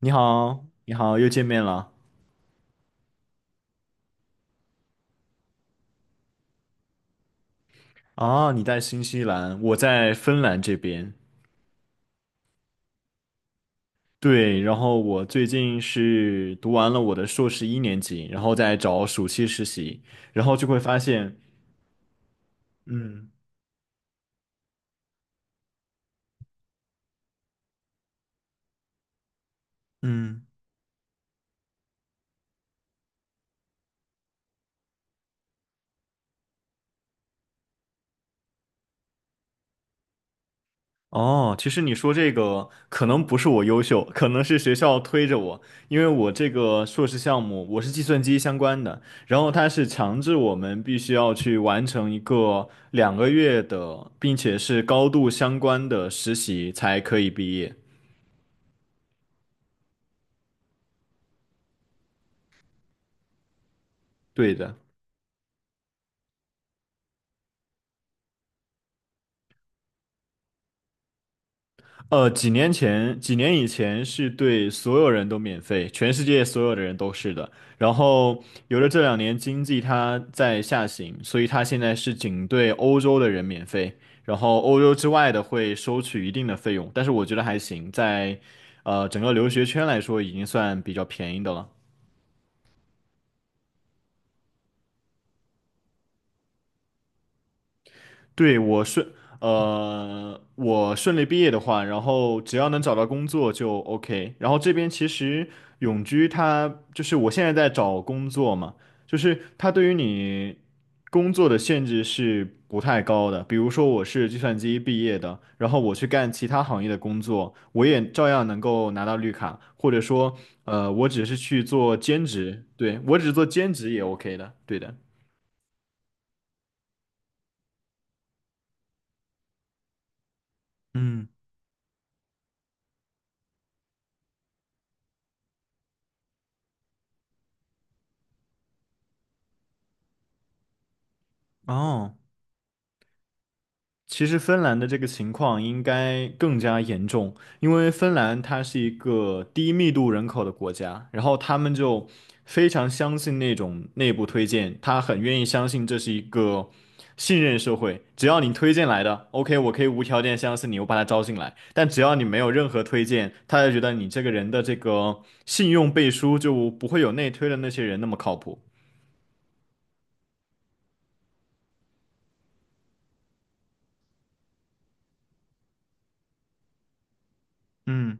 你好，你好，又见面了。啊，你在新西兰，我在芬兰这边。对，然后我最近是读完了我的硕士一年级，然后在找暑期实习，然后就会发现，嗯嗯。哦，其实你说这个可能不是我优秀，可能是学校推着我，因为我这个硕士项目我是计算机相关的，然后它是强制我们必须要去完成一个两个月的，并且是高度相关的实习才可以毕业。对的。几年前，几年以前是对所有人都免费，全世界所有的人都是的。然后，有了这两年经济它在下行，所以它现在是仅对欧洲的人免费，然后欧洲之外的会收取一定的费用。但是我觉得还行，在整个留学圈来说，已经算比较便宜的了。对，我顺利毕业的话，然后只要能找到工作就 OK。然后这边其实永居它就是我现在在找工作嘛，就是它对于你工作的限制是不太高的。比如说我是计算机毕业的，然后我去干其他行业的工作，我也照样能够拿到绿卡，或者说，我只是去做兼职，对，我只做兼职也 OK 的，对的。嗯，哦。其实芬兰的这个情况应该更加严重，因为芬兰它是一个低密度人口的国家，然后他们就非常相信那种内部推荐，他很愿意相信这是一个信任社会，只要你推荐来的，OK，我可以无条件相信你，我把他招进来，但只要你没有任何推荐，他就觉得你这个人的这个信用背书就不会有内推的那些人那么靠谱。嗯。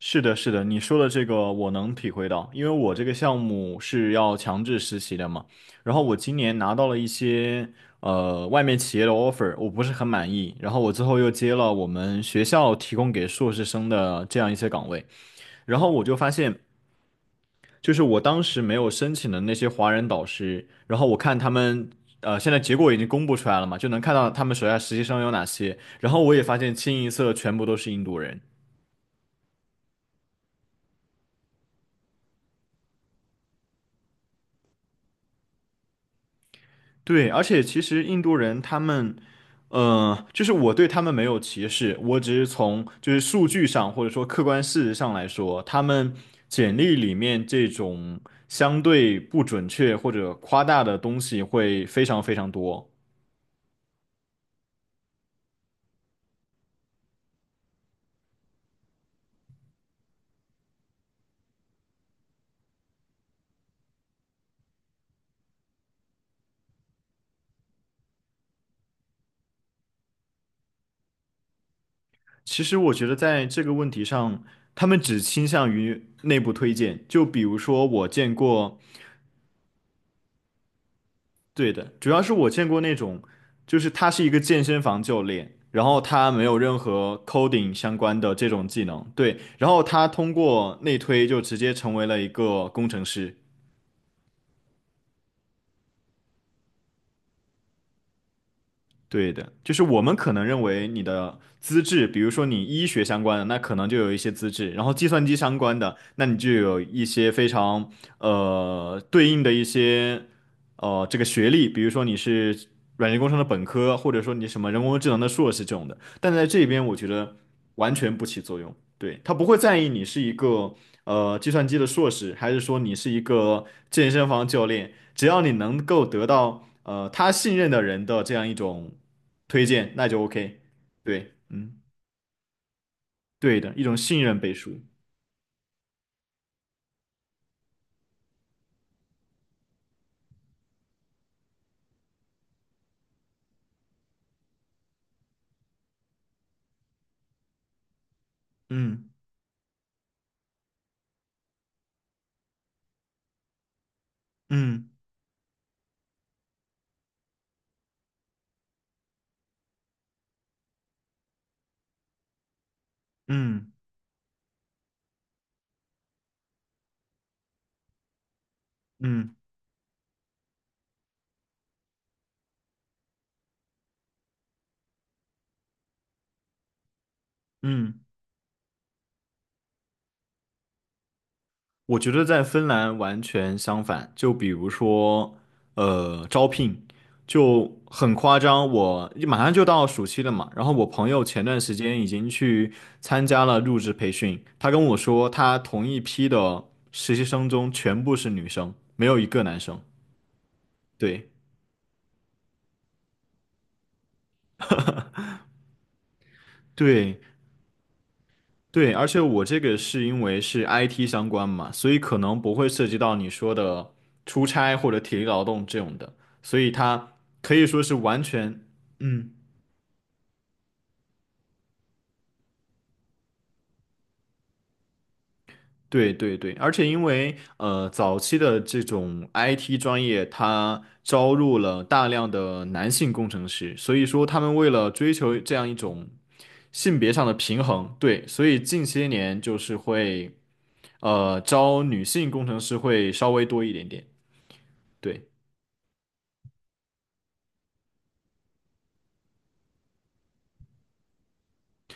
是的，是的，你说的这个我能体会到，因为我这个项目是要强制实习的嘛。然后我今年拿到了一些外面企业的 offer，我不是很满意。然后我最后又接了我们学校提供给硕士生的这样一些岗位。然后我就发现，就是我当时没有申请的那些华人导师，然后我看他们现在结果已经公布出来了嘛，就能看到他们手下实习生有哪些。然后我也发现清一色全部都是印度人。对，而且其实印度人他们，就是我对他们没有歧视，我只是从就是数据上或者说客观事实上来说，他们简历里面这种相对不准确或者夸大的东西会非常非常多。其实我觉得在这个问题上，他们只倾向于内部推荐，就比如说我见过。对的，主要是我见过那种，就是他是一个健身房教练，然后他没有任何 coding 相关的这种技能，对，然后他通过内推就直接成为了一个工程师。对的，就是我们可能认为你的资质，比如说你医学相关的，那可能就有一些资质，然后计算机相关的，那你就有一些非常对应的一些这个学历，比如说你是软件工程的本科，或者说你什么人工智能的硕士这种的，但在这边我觉得完全不起作用，对，他不会在意你是一个。计算机的硕士，还是说你是一个健身房教练，只要你能够得到他信任的人的这样一种推荐，那就 OK。对，嗯，对的，一种信任背书。嗯嗯嗯嗯嗯。嗯我觉得在芬兰完全相反，就比如说，招聘就很夸张。我马上就到暑期了嘛，然后我朋友前段时间已经去参加了入职培训，他跟我说，他同一批的实习生中全部是女生，没有一个男生。对对，对，而且我这个是因为是 IT 相关嘛，所以可能不会涉及到你说的出差或者体力劳动这种的，所以它可以说是完全，嗯，对对对，而且因为早期的这种 IT 专业，它招入了大量的男性工程师，所以说他们为了追求这样一种性别上的平衡，对，所以近些年就是会招女性工程师会稍微多一点点，对。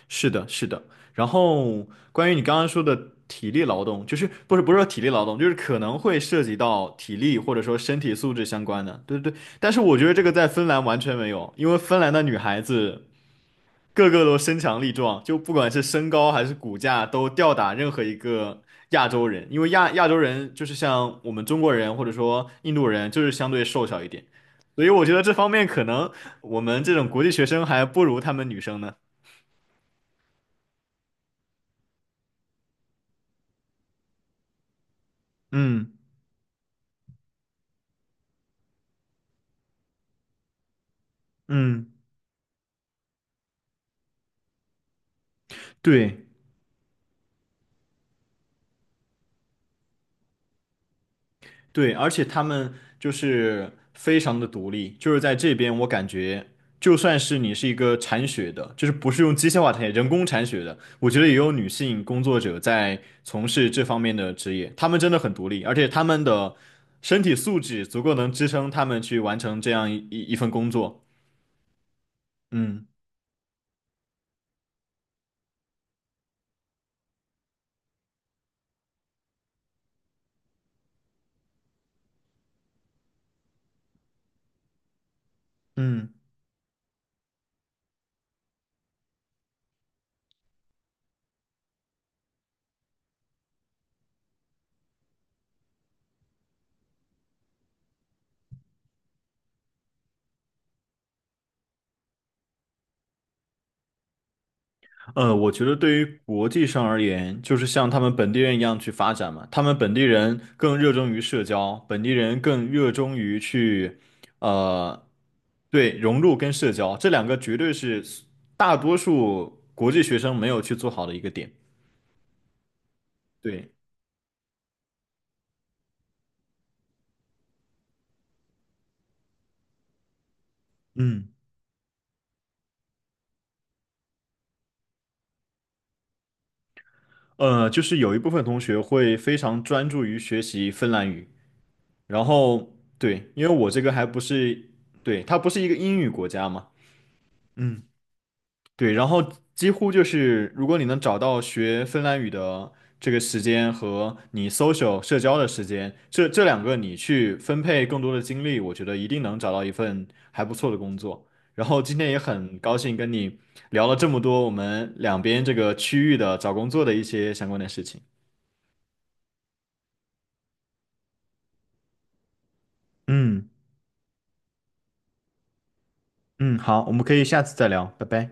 是的，是的。然后关于你刚刚说的体力劳动，不是说体力劳动，就是可能会涉及到体力或者说身体素质相关的，对对对。但是我觉得这个在芬兰完全没有，因为芬兰的女孩子个个都身强力壮，就不管是身高还是骨架都吊打任何一个亚洲人，因为亚洲人就是像我们中国人或者说印度人，就是相对瘦小一点，所以我觉得这方面可能我们这种国际学生还不如他们女生呢。嗯嗯。对对，而且他们就是非常的独立，就是在这边我感觉，就算是你是一个铲雪的，就是不是用机械化铲雪人工铲雪的，我觉得也有女性工作者在从事这方面的职业，他们真的很独立，而且他们的身体素质足够能支撑他们去完成这样一份工作。嗯嗯。我觉得对于国际上而言，就是像他们本地人一样去发展嘛。他们本地人更热衷于社交，本地人更热衷于去，呃，对，融入跟社交，这两个绝对是大多数国际学生没有去做好的一个点。对，嗯，就是有一部分同学会非常专注于学习芬兰语，然后对，因为我这个还不是，对，它不是一个英语国家嘛。嗯。对，然后几乎就是，如果你能找到学芬兰语的这个时间和你 social 社交的时间，这两个你去分配更多的精力，我觉得一定能找到一份还不错的工作。然后今天也很高兴跟你聊了这么多我们两边这个区域的找工作的一些相关的事情。嗯嗯，好，我们可以下次再聊，拜拜。